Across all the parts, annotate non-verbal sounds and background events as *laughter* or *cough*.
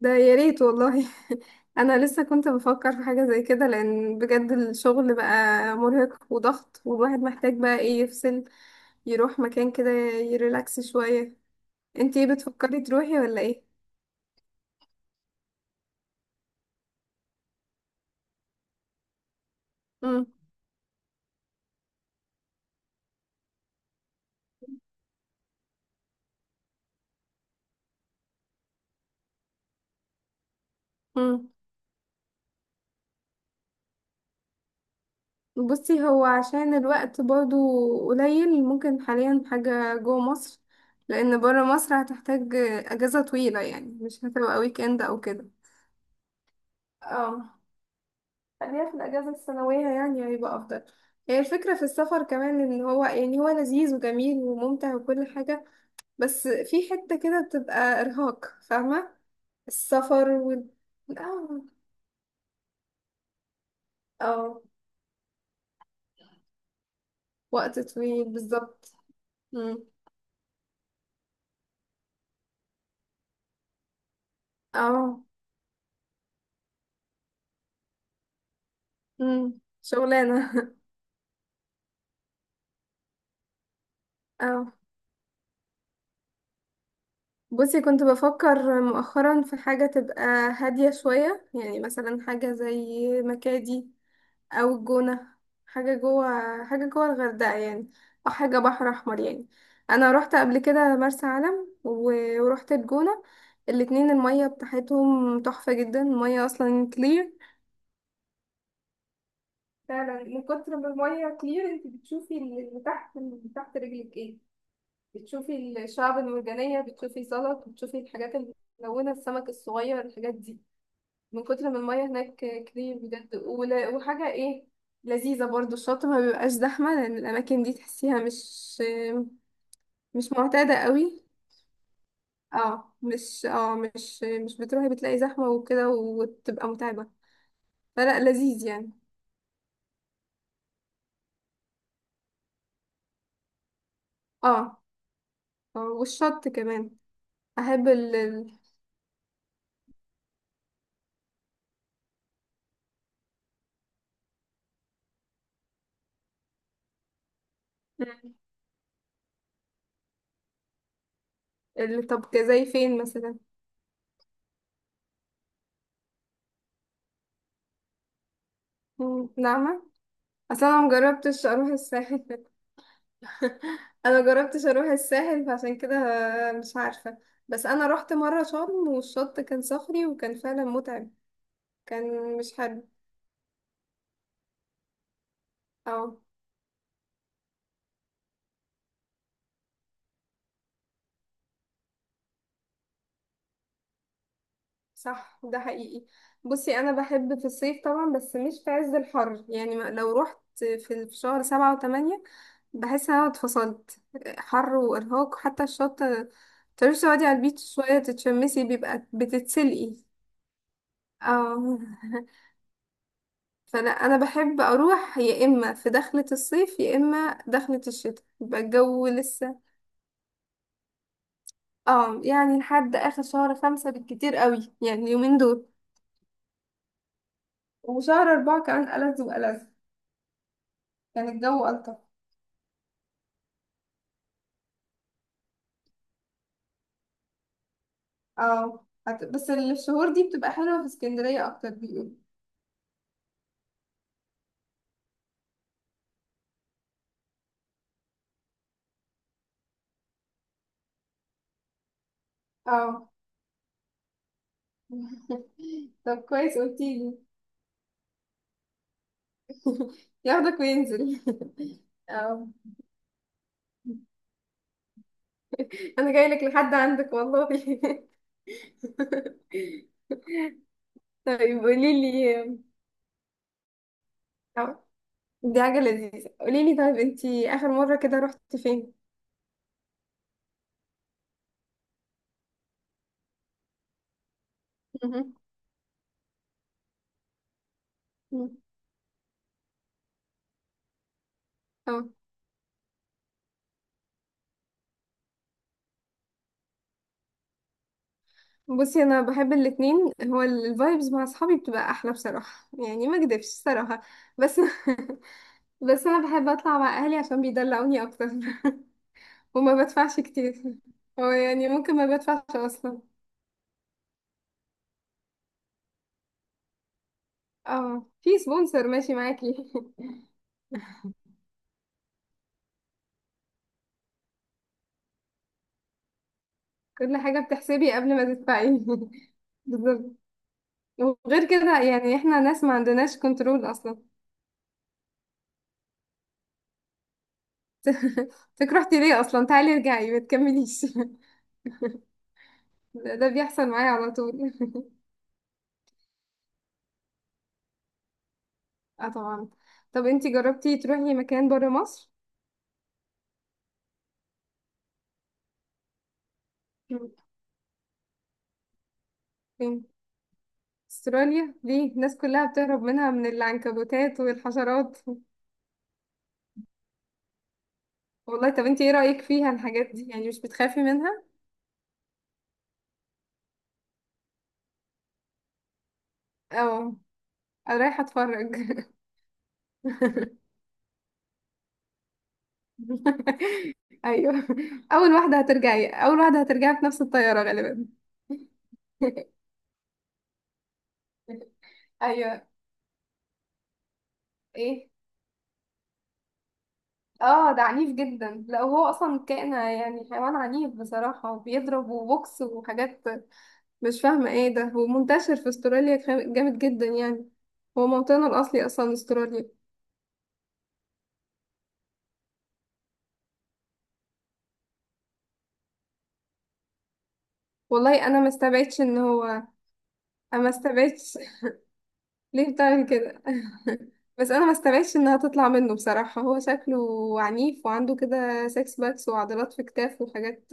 ده يا ريت والله. *laughs* انا لسه كنت بفكر في حاجه زي كده لان بجد الشغل بقى مرهق وضغط، والواحد محتاج بقى ايه؟ يفصل، يروح مكان كده، يريلاكس شويه. انتي بتفكري تروحي ولا ايه؟ امم امم بصي هو عشان الوقت برضو قليل ممكن حاليا حاجه جوه مصر، لان بره مصر هتحتاج اجازه طويله، يعني مش هتبقى ويك اند او كده. اه، خليها في الأجازة السنوية يعني، هيبقى أفضل. هي الفكرة في السفر كمان، إن هو يعني هو لذيذ وجميل وممتع وكل حاجة، بس في حتة كده بتبقى إرهاق فاهمة. السفر وال اه. اه، وقت طويل بالظبط. مم. اه. شغلانة. *laughs* اه، بصي كنت بفكر مؤخرا في حاجة تبقى هادية شوية، يعني مثلا حاجة زي مكادي او الجونة، حاجة جوه الغردقة يعني، او حاجة بحر احمر يعني. انا روحت قبل كده مرسى علم وروحت الجونة، الاتنين المية بتاعتهم تحفة جدا، المية اصلا كلير. فعلا من كتر ما المية كلير انت بتشوفي اللي تحت، اللي تحت رجلك ايه، بتشوفي الشعب المرجانية، بتشوفي سلط، بتشوفي الحاجات الملونة، السمك الصغير، الحاجات دي، من كتر ما المية هناك كتير بجد. وحاجة ايه لذيذة برضو، الشاطئ ما بيبقاش زحمة لأن الأماكن دي تحسيها مش معتادة قوي. اه، مش بتروحي بتلاقي زحمة وكده وتبقى متعبة، فلا لذيذ يعني. اه. والشط كمان. أحب ال ال- مم. طب زي فين مثلا؟ مم، نعمة. أصلا أنا مجربتش أروح الساحل. *laughs* انا جربتش اروح الساحل، فعشان كده مش عارفة. بس انا رحت مرة شرم والشط كان صخري وكان فعلا متعب، كان مش حلو. اه، صح، ده حقيقي. بصي، انا بحب في الصيف طبعا بس مش في عز الحر يعني. لو رحت في في شهر 7 و8 بحس ان انا اتفصلت، حر وارهاق، حتى الشط تروحي تقعدي على البيتش شوية تتشمسي بيبقى بتتسلقي. اه. *laughs* فانا بحب اروح يا اما في دخلة الصيف يا اما دخلة الشتاء يبقى الجو لسه. اه، يعني لحد اخر شهر 5 بالكتير قوي، يعني اليومين دول. وشهر اربعة كمان ألذ وألذ، يعني الجو ألطف. بس الشهور دي بتبقى حلوة في اسكندرية اكتر بيقولوا. اه. *laughs* طب كويس قلتيلي. *laughs* ياخدك وينزل. *laughs* اه. انا جايلك لحد عندك والله. *laughs* طيب قوليلي، دي حاجة لذيذة. قوليلي طيب، انتي آخر مرة كده رحتي فين؟ مهم. مم. اه، بصي انا بحب الاتنين، هو الفايبز مع اصحابي بتبقى احلى بصراحة، يعني ما اكدبش الصراحة. بس *laughs* بس انا بحب اطلع مع اهلي عشان بيدلعوني اكتر. *laughs* وما بدفعش كتير، هو يعني ممكن ما بدفعش اصلا. اه، في سبونسر ماشي معاكي. *laughs* كل حاجة بتحسبي قبل ما تدفعي. *laughs* بالظبط. وغير كده يعني احنا ناس ما عندناش كنترول اصلا. *laughs* انتك رحتي ليه اصلا؟ تعالي ارجعي ما تكمليش. *laughs* ده بيحصل معايا على طول. *laughs* اه طبعا. طب انتي جربتي تروحي مكان بره مصر؟ مم. فين؟ استراليا ليه، الناس كلها بتهرب منها من العنكبوتات والحشرات. *laughs* والله، طب انتي ايه رأيك فيها الحاجات دي، يعني مش بتخافي منها؟ اه. انا رايحة اتفرج. *laughs* ايوه، اول واحدة هترجعي، اول واحدة هترجعي في نفس الطيارة غالبا. *laughs* ايوه. ايه؟ اه، ده عنيف جدا، لا هو اصلا كائن يعني حيوان عنيف بصراحة، وبيضرب وبوكس وحاجات مش فاهمة ايه ده، ومنتشر في استراليا. جامد جدا يعني، هو موطنه الاصلي اصلا استراليا. والله انا ما استبعدش ان هو، انا ما استبعدش. *laughs* ليه بتعمل كده؟ *laughs* بس انا ما استبعدش انها تطلع منه بصراحة، هو شكله عنيف وعنده كده سكس باكس وعضلات في كتافه وحاجات،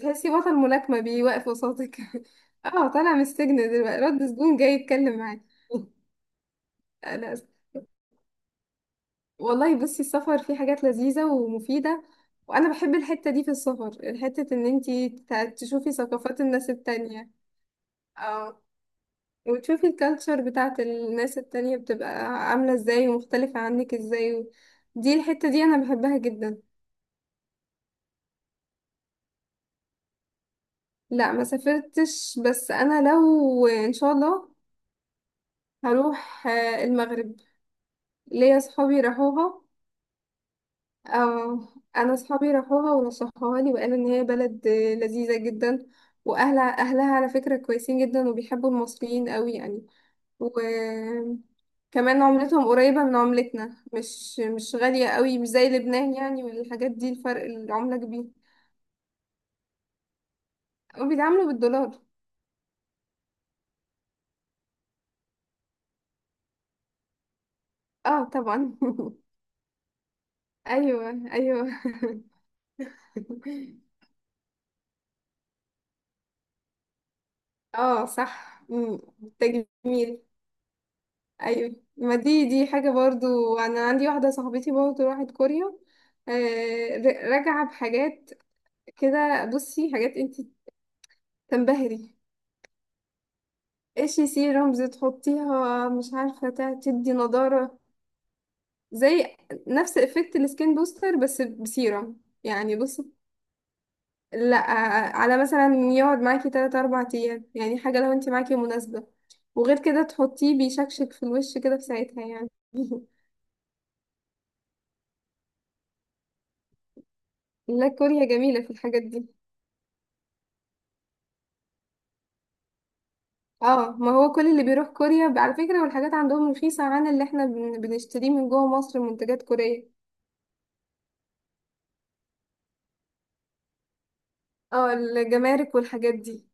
تحسي بطل ملاكمة بيوقف قصادك. *laughs* اه، طالع من السجن دلوقتي، رد سجون جاي يتكلم معاك. *laughs* انا، والله بصي السفر فيه حاجات لذيذة ومفيدة، وانا بحب الحتة دي في السفر، حتة ان انتي تشوفي ثقافات الناس التانية. اه، وتشوفي الكالتشر بتاعت الناس التانية بتبقى عاملة ازاي ومختلفة عنك ازاي، و... دي الحتة دي انا بحبها جدا. لا ما سافرتش، بس انا لو ان شاء الله هروح المغرب، ليا صحابي راحوها. اه، انا اصحابي راحوها ونصحوها لي، وقالوا ان هي بلد لذيذه جدا. واهلها، على فكره كويسين جدا وبيحبوا المصريين قوي يعني. وكمان عملتهم قريبه من عملتنا، مش غاليه قوي، مش زي لبنان يعني والحاجات دي، الفرق العمله كبير، وبيتعاملوا بالدولار. اه طبعا. *laughs* ايوه ايوه. *laughs* اه، صح. مم، تجميل. ايوه، ما دي حاجه برضو، انا عندي واحده صاحبتي برضو راحت كوريا. راجعه بحاجات كده، بصي حاجات انت تنبهري، ايش سيرمز تحطيها، مش عارفه تدي نضاره، زي نفس افكت السكين بوستر بس بسيرم يعني بصي. لا، على مثلا يقعد معاكي 3 4 ايام يعني، حاجه لو انت معاكي مناسبه، وغير كده تحطيه بيشكشك في الوش كده في ساعتها يعني. *laughs* لا، كوريا جميله في الحاجات دي. اه، ما هو كل اللي بيروح كوريا، على فكرة والحاجات عندهم رخيصة عن اللي احنا بنشتريه من جوه مصر منتجات كورية. اه، الجمارك والحاجات دي.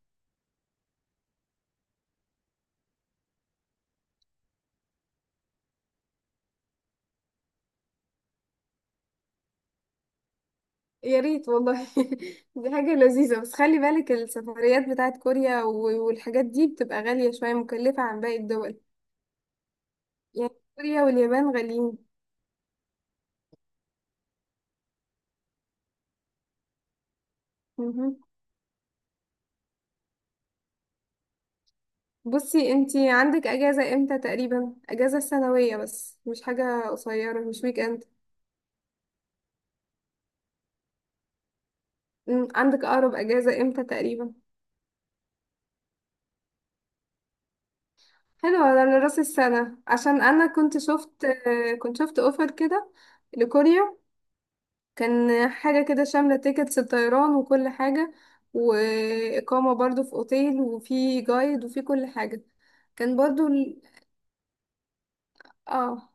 يا ريت والله. *laughs* دي حاجة لذيذة، بس خلي بالك السفريات بتاعت كوريا والحاجات دي بتبقى غالية شوية، مكلفة عن باقي الدول يعني، كوريا واليابان غاليين. مهم. بصي انتي عندك اجازة امتى تقريبا، اجازة سنوية بس مش حاجة قصيرة، مش ويك اند. مم، عندك اقرب اجازة امتى تقريبا؟ حلو، ده لراس السنة، عشان أنا كنت شفت، كنت شفت أوفر كده لكوريا، كان حاجة كده شاملة تيكتس الطيران وكل حاجة، وإقامة برضو في أوتيل، وفي جايد، وفي كل حاجة. كان برضو ال... اه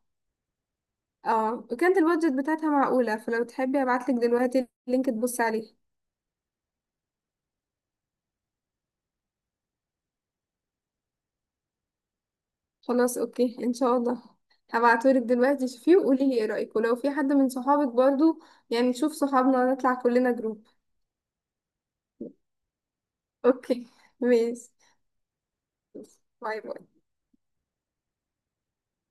اه، وكانت البادجت بتاعتها معقولة، فلو تحبي هبعتلك دلوقتي اللينك تبص عليه. خلاص اوكي، ان شاء الله. هبعتهولك دلوقتي شوفيه وقولي لي ايه رأيك، ولو في حد من صحابك برضو يعني، شوف صحابنا نطلع كلنا جروب. اوكي. ماشي، باي باي.